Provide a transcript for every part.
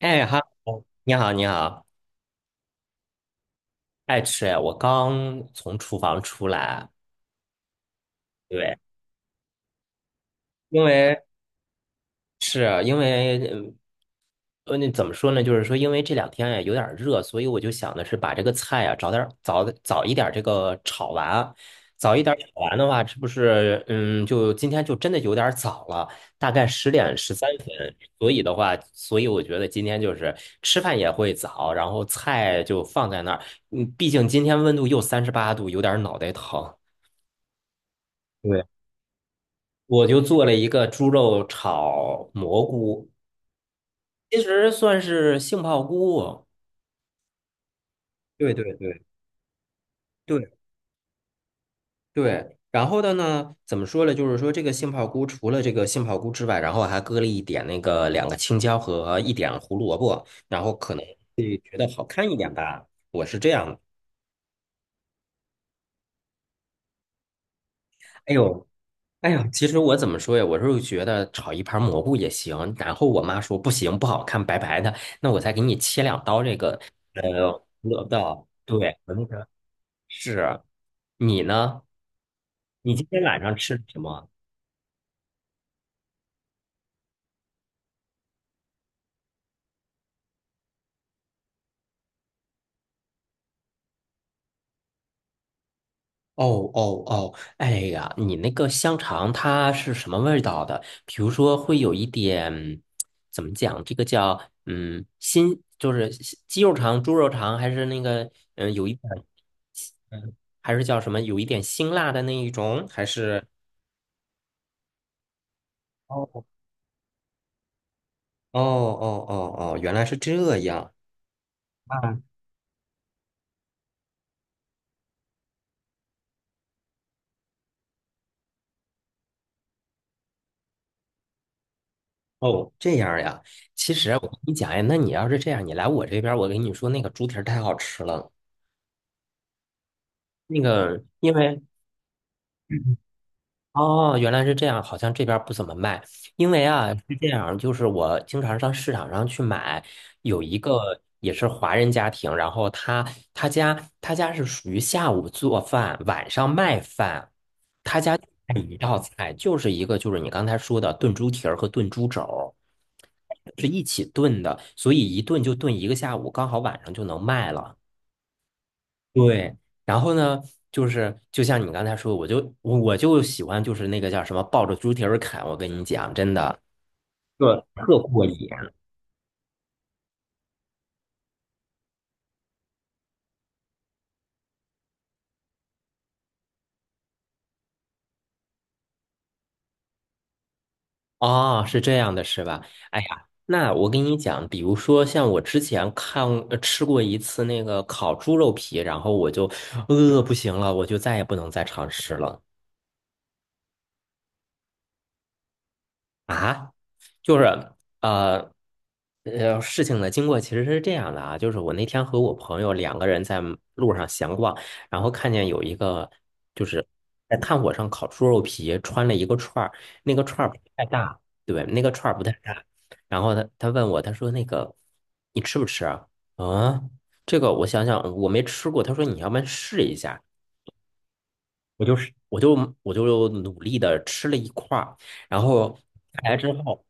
哎哈喽，你好，你好，爱吃哎，我刚从厨房出来。对，因为是因为嗯呃，那怎么说呢？就是说，因为这两天呀有点儿热，所以我就想的是把这个菜呀早早一点儿这个炒完。早一点儿炒完的话，这不是就今天就真的有点儿早了，大概10点13分。所以我觉得今天就是吃饭也会早，然后菜就放在那儿。嗯，毕竟今天温度又38度，有点儿脑袋疼。对，我就做了一个猪肉炒蘑菇，其实算是杏鲍菇。对对对。对，对，然后的呢，怎么说呢？就是说这个杏鲍菇除了这个杏鲍菇之外，然后还搁了一点那个两个青椒和一点胡萝卜，然后可能看一点吧。我是这样的。哎呦，哎呦，其实我怎么说呀？我是觉得炒一盘蘑菇也行，然后我妈说不行，不好看，白白的，那我再给你切两刀这个呃胡萝卜。对，我那个是啊。你呢？你今天晚上吃什么？哦哦哦，哎呀，你那个香肠它是什么味道的？比如说会有一点，怎么讲？这个叫新就是西鸡肉肠、猪肉肠，还是那个有一点，嗯，还是叫什么？有一点辛辣的那一种，还是？哦哦哦哦哦，原来是这样。啊，哦，这样呀。其实我跟你讲呀，那你要是这样，你来我这边儿，我跟你说，那个猪蹄儿太好吃了。那个，因为哦，原来是这样，好像这边儿不怎么卖。因为啊是这样，就是我经常上市场上去买，有一个也是华人家庭，然后他家是属于下午做饭，晚上卖饭。他家就卖一道菜就是一个就是你刚才说的炖猪蹄儿和炖猪肘儿，是一起炖的，所以一炖就炖一个下午，刚好晚上就能卖了。对，然后呢，就像你刚才说，我就喜欢就是那个叫什么抱着猪蹄儿啃。我跟你讲，真的，对，特过瘾。哦，是这样的，是吧？哎呀，那我跟你讲，比如说像我之前吃过一次那个烤猪肉皮，然后我就饿不行了，我就再也不能再尝试了啊。就是呃事情的经过其实是这样的啊，就是我那天和我朋友两个人在路上闲逛，然后看见有一个就是在炭火上烤猪肉皮，穿了一个串儿，那个串儿不太大。对，那个串儿不太大。然后他问我，他说那个你吃不吃啊？嗯，这个我想想，我没吃过。他说你要不然试一下，我就是我就我就努力的吃了一块儿，然后来之后。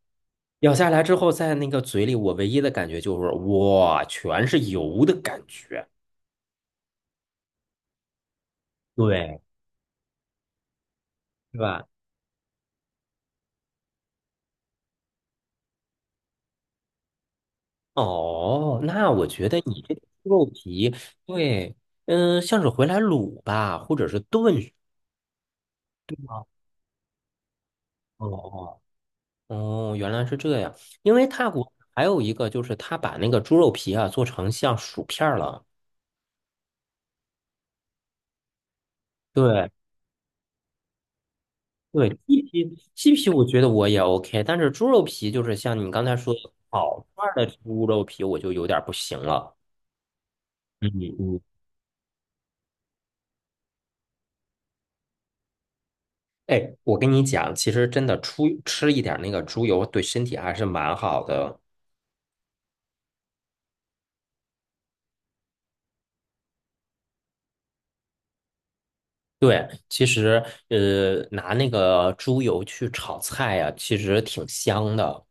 咬下来之后，在那个嘴里，我唯一的感觉就是哇，全是油的感觉。对，是吧？哦，那我觉得你这个猪肉皮，对，像是回来卤吧，或者是炖。哦哦，原来是这样。因为泰国还有一个就是他把那个猪肉皮啊做成像薯片儿了。对对，鸡皮我觉得我也 OK，但是猪肉皮就是像你刚才说的烤串儿的猪肉皮，我就有点儿不行了。嗯嗯，哎，我跟你讲，其实真的出吃一点那个猪油对身体还是蛮好的。对，其实拿那个猪油去炒菜呀、其实挺香的。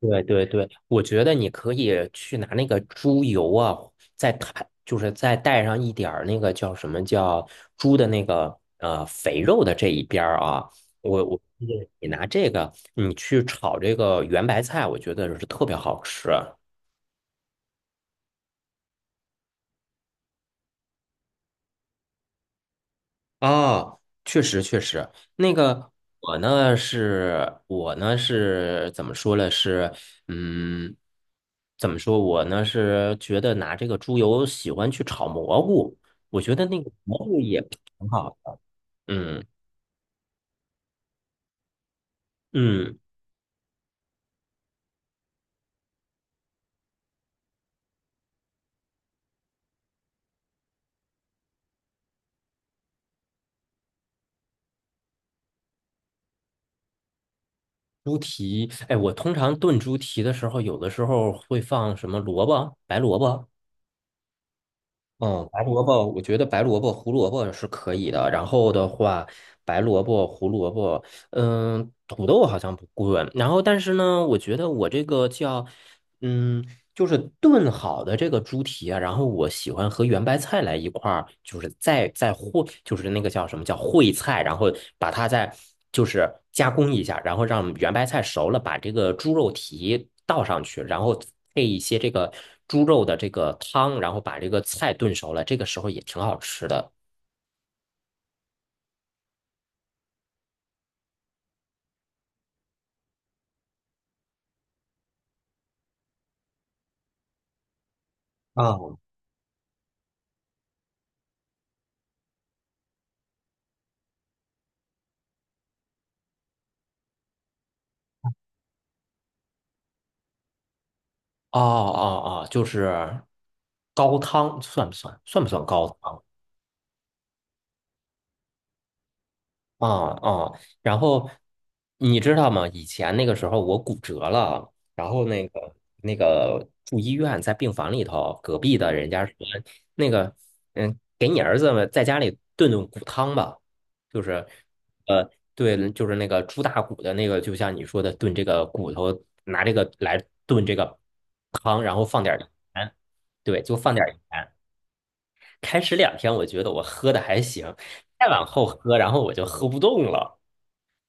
对对对，我觉得你可以去拿那个猪油啊，再摊，就是再带上一点儿那个叫什么叫猪的那个肥肉的这一边儿啊。我建议你拿这个，你去炒这个圆白菜，我觉得是特别好吃。啊，确实确实，那个我呢是怎么说呢？是，嗯，怎么说？我呢是觉得拿这个猪油喜欢去炒蘑菇，我觉得那个蘑菇也挺好的。嗯嗯，猪蹄，哎，我通常炖猪蹄的时候，有的时候会放什么萝卜，白萝卜。嗯，白萝卜，我觉得白萝卜、胡萝卜是可以的。然后的话，白萝卜、胡萝卜，嗯，土豆好像不贵。然后，但是呢，我觉得我这个叫，嗯，就是炖好的这个猪蹄啊，然后我喜欢和圆白菜来一块儿，就是再烩，就是那个叫什么叫烩菜，然后把它再就是加工一下，然后让圆白菜熟了，把这个猪肉蹄倒上去，然后配一些这个猪肉的这个汤，然后把这个菜炖熟了，这个时候也挺好吃的。啊，哦哦哦，就是高汤算不算？算不算高汤啊？啊啊，然后你知道吗？以前那个时候我骨折了，然后那个住医院，在病房里头，隔壁的人家说那个给你儿子们在家里炖炖骨汤吧，就是对，就是那个猪大骨的那个，就像你说的炖这个骨头，拿这个来炖这个汤，然后放点儿盐。对，就放点儿盐。开始两天我觉得我喝的还行，再往后喝，然后我就喝不动了。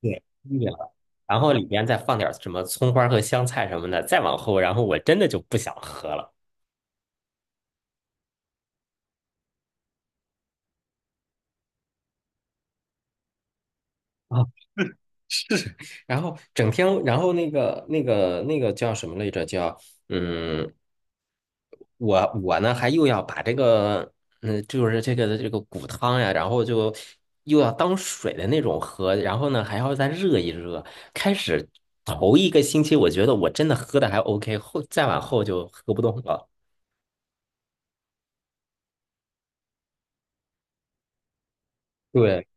对，腻了，然后里边再放点什么葱花和香菜什么的，再往后，然后我真的就不想喝了啊。然后整天，然后那个叫什么来着？叫嗯，我呢还又要把这个就是这个骨汤呀，然后就又要当水的那种喝，然后呢还要再热一热。开始头一个星期，我觉得我真的喝的还 OK，后再往后就喝不动了。对。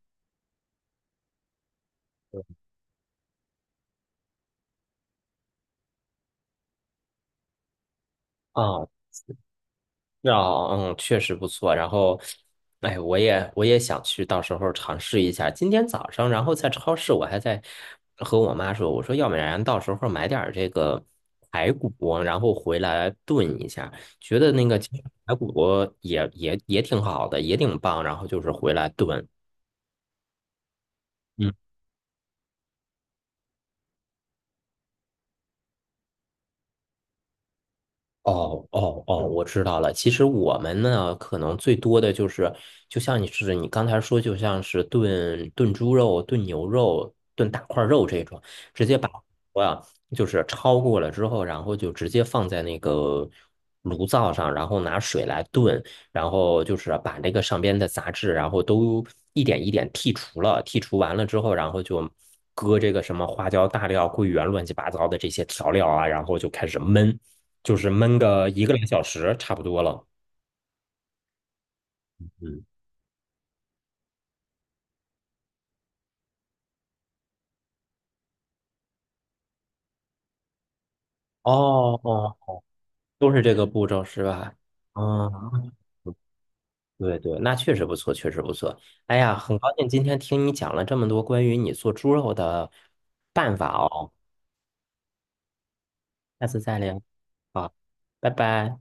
啊，啊，嗯，确实不错。然后，哎，我也想去，到时候尝试一下。今天早上，然后在超市，我还在和我妈说，我说要不然到时候买点儿这个排骨，然后回来炖一下。觉得那个其实排骨也挺好的，也挺棒。然后就是回来炖。嗯。哦哦哦，嗯我知道了。其实我们呢，可能最多的就是，就像你是你刚才说，就像是炖炖猪肉、炖牛肉、炖大块肉这种，直接把我呀就是焯过了之后，然后就直接放在那个炉灶上，然后拿水来炖，然后就是把那个上边的杂质，然后都一点一点剔除了。剔除完了之后，然后就搁这个什么花椒、大料、桂圆、乱七八糟的这些调料啊，然后就开始焖。就是焖个一个来小时差不多了。嗯，哦哦，都是这个步骤是吧？嗯，对对，那确实不错，确实不错。哎呀，很高兴今天听你讲了这么多关于你做猪肉的办法哦。下次再聊。好，拜拜。